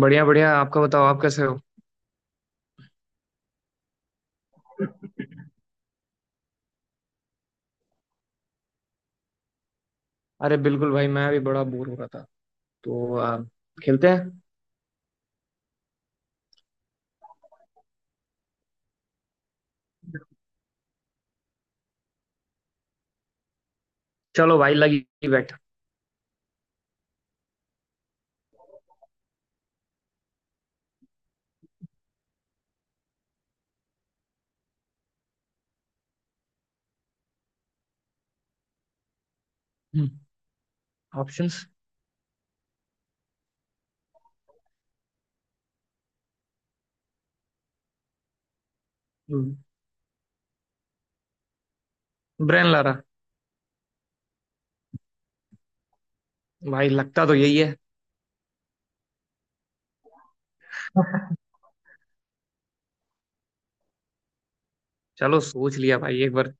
बढ़िया बढ़िया। आपका बताओ। आप कैसे हो? अरे बिल्कुल भाई, मैं भी बड़ा बोर हो रहा था, तो खेलते हैं। चलो भाई लगी। बैठ। ऑप्शंस। ब्रेन ला रहा। भाई, लगता तो यही है। चलो सोच लिया भाई एक बार।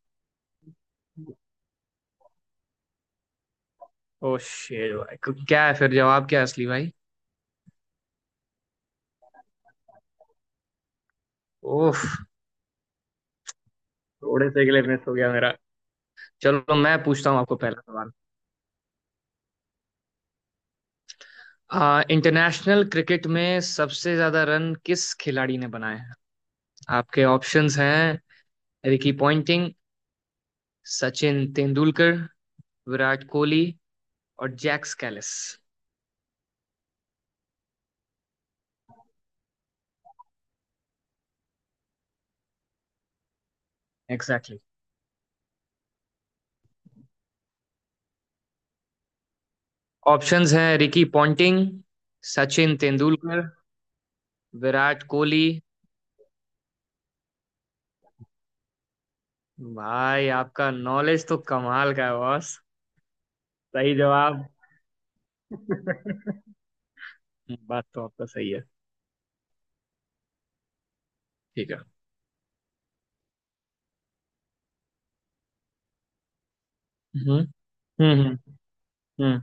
ओ शेर भाई, क्या है? फिर जवाब क्या है असली भाई? ओह। थोड़े से के लिए मिस हो गया मेरा। चलो, मैं पूछता हूँ आपको पहला सवाल। इंटरनेशनल क्रिकेट में सबसे ज्यादा रन किस खिलाड़ी ने बनाए हैं? आपके ऑप्शंस हैं रिकी पॉन्टिंग, सचिन तेंदुलकर, विराट कोहली और Jacques Kallis. Exactly, exactly। Options हैं रिकी पॉन्टिंग, सचिन तेंदुलकर, विराट कोहली। भाई, आपका नॉलेज तो कमाल का है बॉस। सही जवाब। बात तो आपका सही है। ठीक है। हम्म, हम्म, हम्म।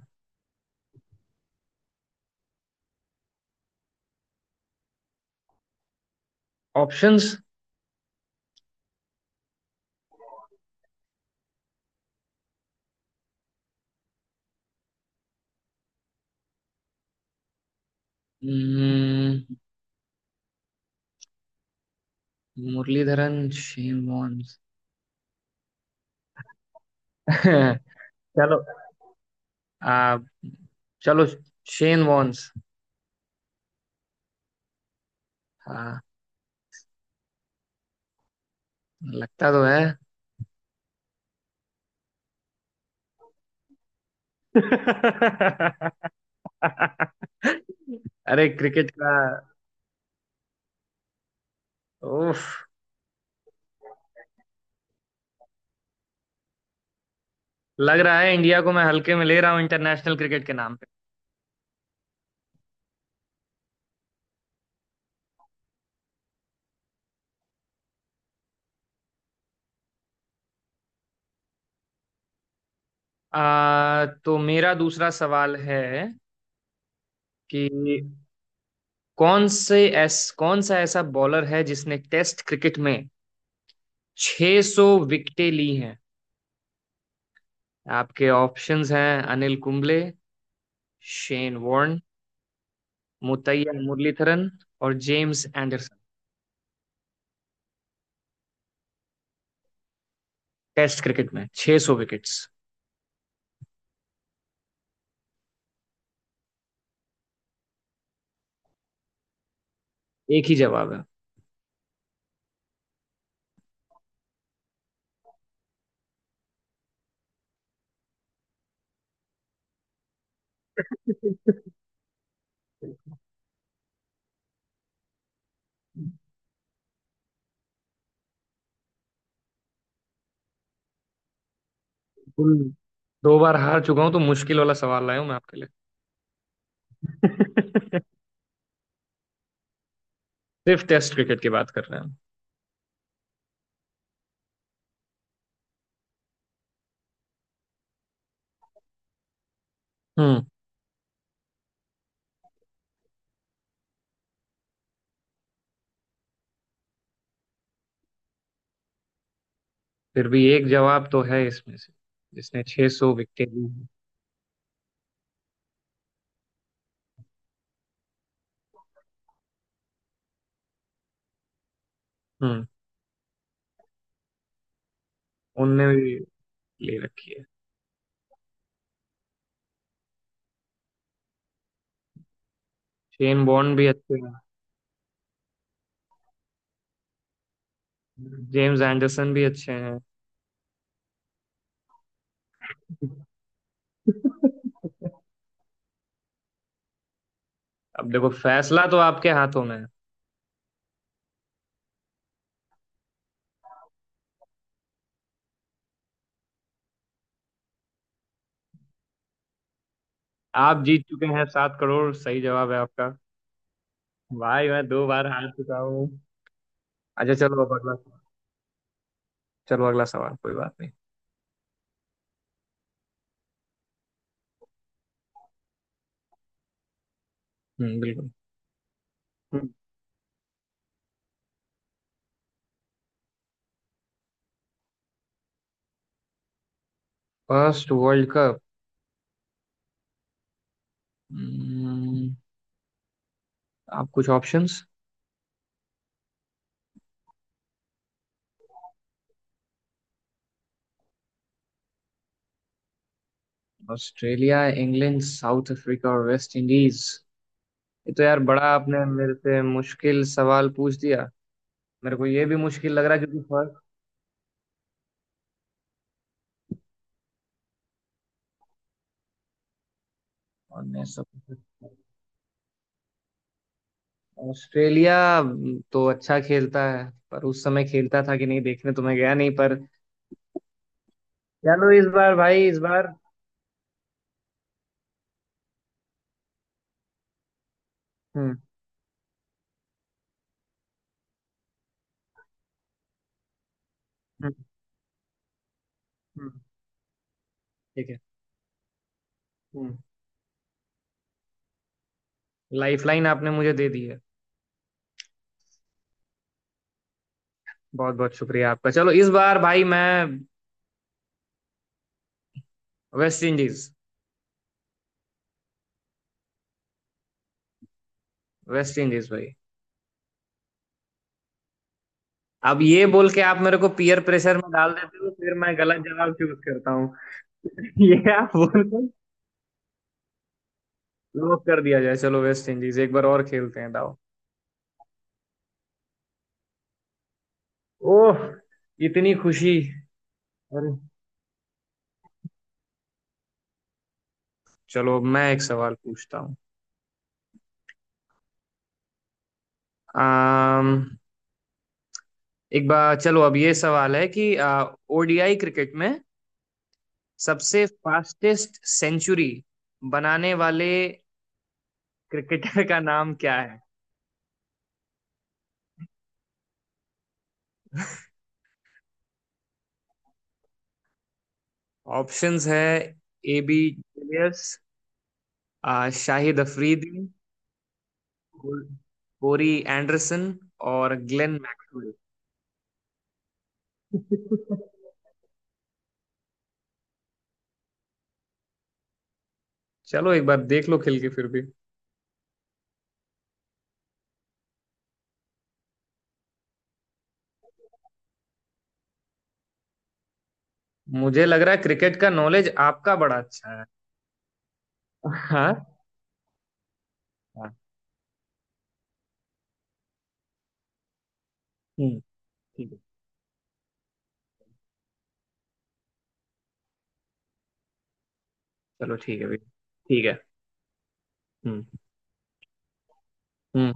ऑप्शंस। Muralitharan, Shane once. चलो। आ, चलो, शेन वॉन्स। हाँ। लगता तो है। अरे, क्रिकेट का। उफ। लग रहा है इंडिया को मैं हल्के में ले रहा हूँ इंटरनेशनल क्रिकेट के नाम पे। तो मेरा दूसरा सवाल है कि कौन से ऐस कौन सा ऐसा बॉलर है जिसने टेस्ट क्रिकेट में 600 विकेटें ली हैं? आपके ऑप्शंस हैं अनिल कुंबले, शेन वॉर्न, मुतैया मुरलीधरन और जेम्स एंडरसन। टेस्ट क्रिकेट में 600 विकेट्स। एक ही जवाब। है फुल। 2 बार हार चुका हूँ तो मुश्किल वाला सवाल लाया हूँ मैं आपके लिए। सिर्फ टेस्ट क्रिकेट की बात कर रहे हैं। हम। हम्म। फिर भी एक जवाब तो है इसमें से जिसने 600 सौ विकेटें ली हैं। हम्म। उनने भी ले रखी है। शेन बॉर्न भी अच्छे हैं। जेम्स एंडरसन भी अच्छे हैं। अब देखो, फैसला तो आपके हाथों में है। आप जीत चुके हैं 7 करोड़। सही जवाब है आपका। भाई, मैं 2 बार हार चुका हूँ। अच्छा चलो, अब अगला सवाल। चलो अगला सवाल, कोई बात नहीं। हम्म, बिल्कुल। हम्म। First world cup. हम्म, आप कुछ options? Australia, England, South Africa और वेस्ट इंडीज। ये तो यार, बड़ा आपने मेरे से मुश्किल सवाल पूछ दिया। मेरे को ये भी मुश्किल लग रहा है क्योंकि फर्स्ट। 1975। ऑस्ट्रेलिया तो अच्छा खेलता है, पर उस समय खेलता था कि नहीं, देखने तो मैं गया नहीं पर। चलो इस बार भाई, इस बार। हम्म, हम्म। हम्म, ठीक है। हम्म। लाइफ लाइन आपने मुझे दे दी है। बहुत बहुत शुक्रिया आपका। चलो इस बार भाई, मैं। West Indies. वेस्ट इंडीज भाई। अब ये बोल के आप मेरे को पीयर प्रेशर में डाल देते हो, फिर मैं गलत जवाब चूज करता हूँ। ये आप बोल के। लॉक कर दिया जाए, चलो वेस्ट इंडीज, एक बार और खेलते हैं दाव। ओह। इतनी खुशी। अरे। चलो मैं एक सवाल पूछता हूँ। आम, एक बार चलो, अब ये सवाल है कि ओडीआई क्रिकेट में सबसे फास्टेस्ट सेंचुरी बनाने वाले क्रिकेटर का नाम क्या है? ऑप्शंस है A B de Villiers, Shahid Afridi, कोर- कोरी एंडरसन और ग्लेन मैक्सवेल। चलो एक बार देख लो खेल के फिर भी। मुझे लग रहा है क्रिकेट का नॉलेज आपका बड़ा अच्छा है। हाँ, हाँ, हम्म। ठीक है। चलो ठीक है भैया। ठीक है। हम्म, हम्म।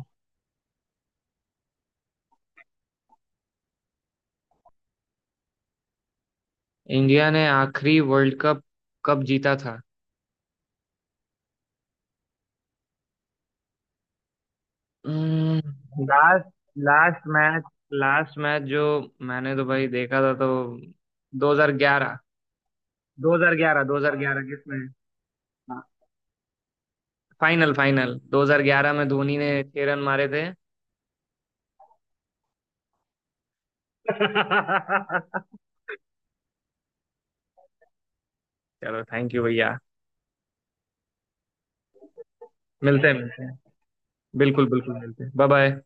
इंडिया ने आखिरी वर्ल्ड कप कब जीता था? Last. Last match. Last match जो मैंने तो भाई देखा था, तो 2011। 2011, 2011 किसमें? फाइनल, फाइनल 2011 में धोनी ने 6 रन मारे थे। चलो। चलो थैंक यू भैया। मिलते हैं, मिलते हैं। बिल्कुल बिल्कुल, मिलते हैं, बाय बाय।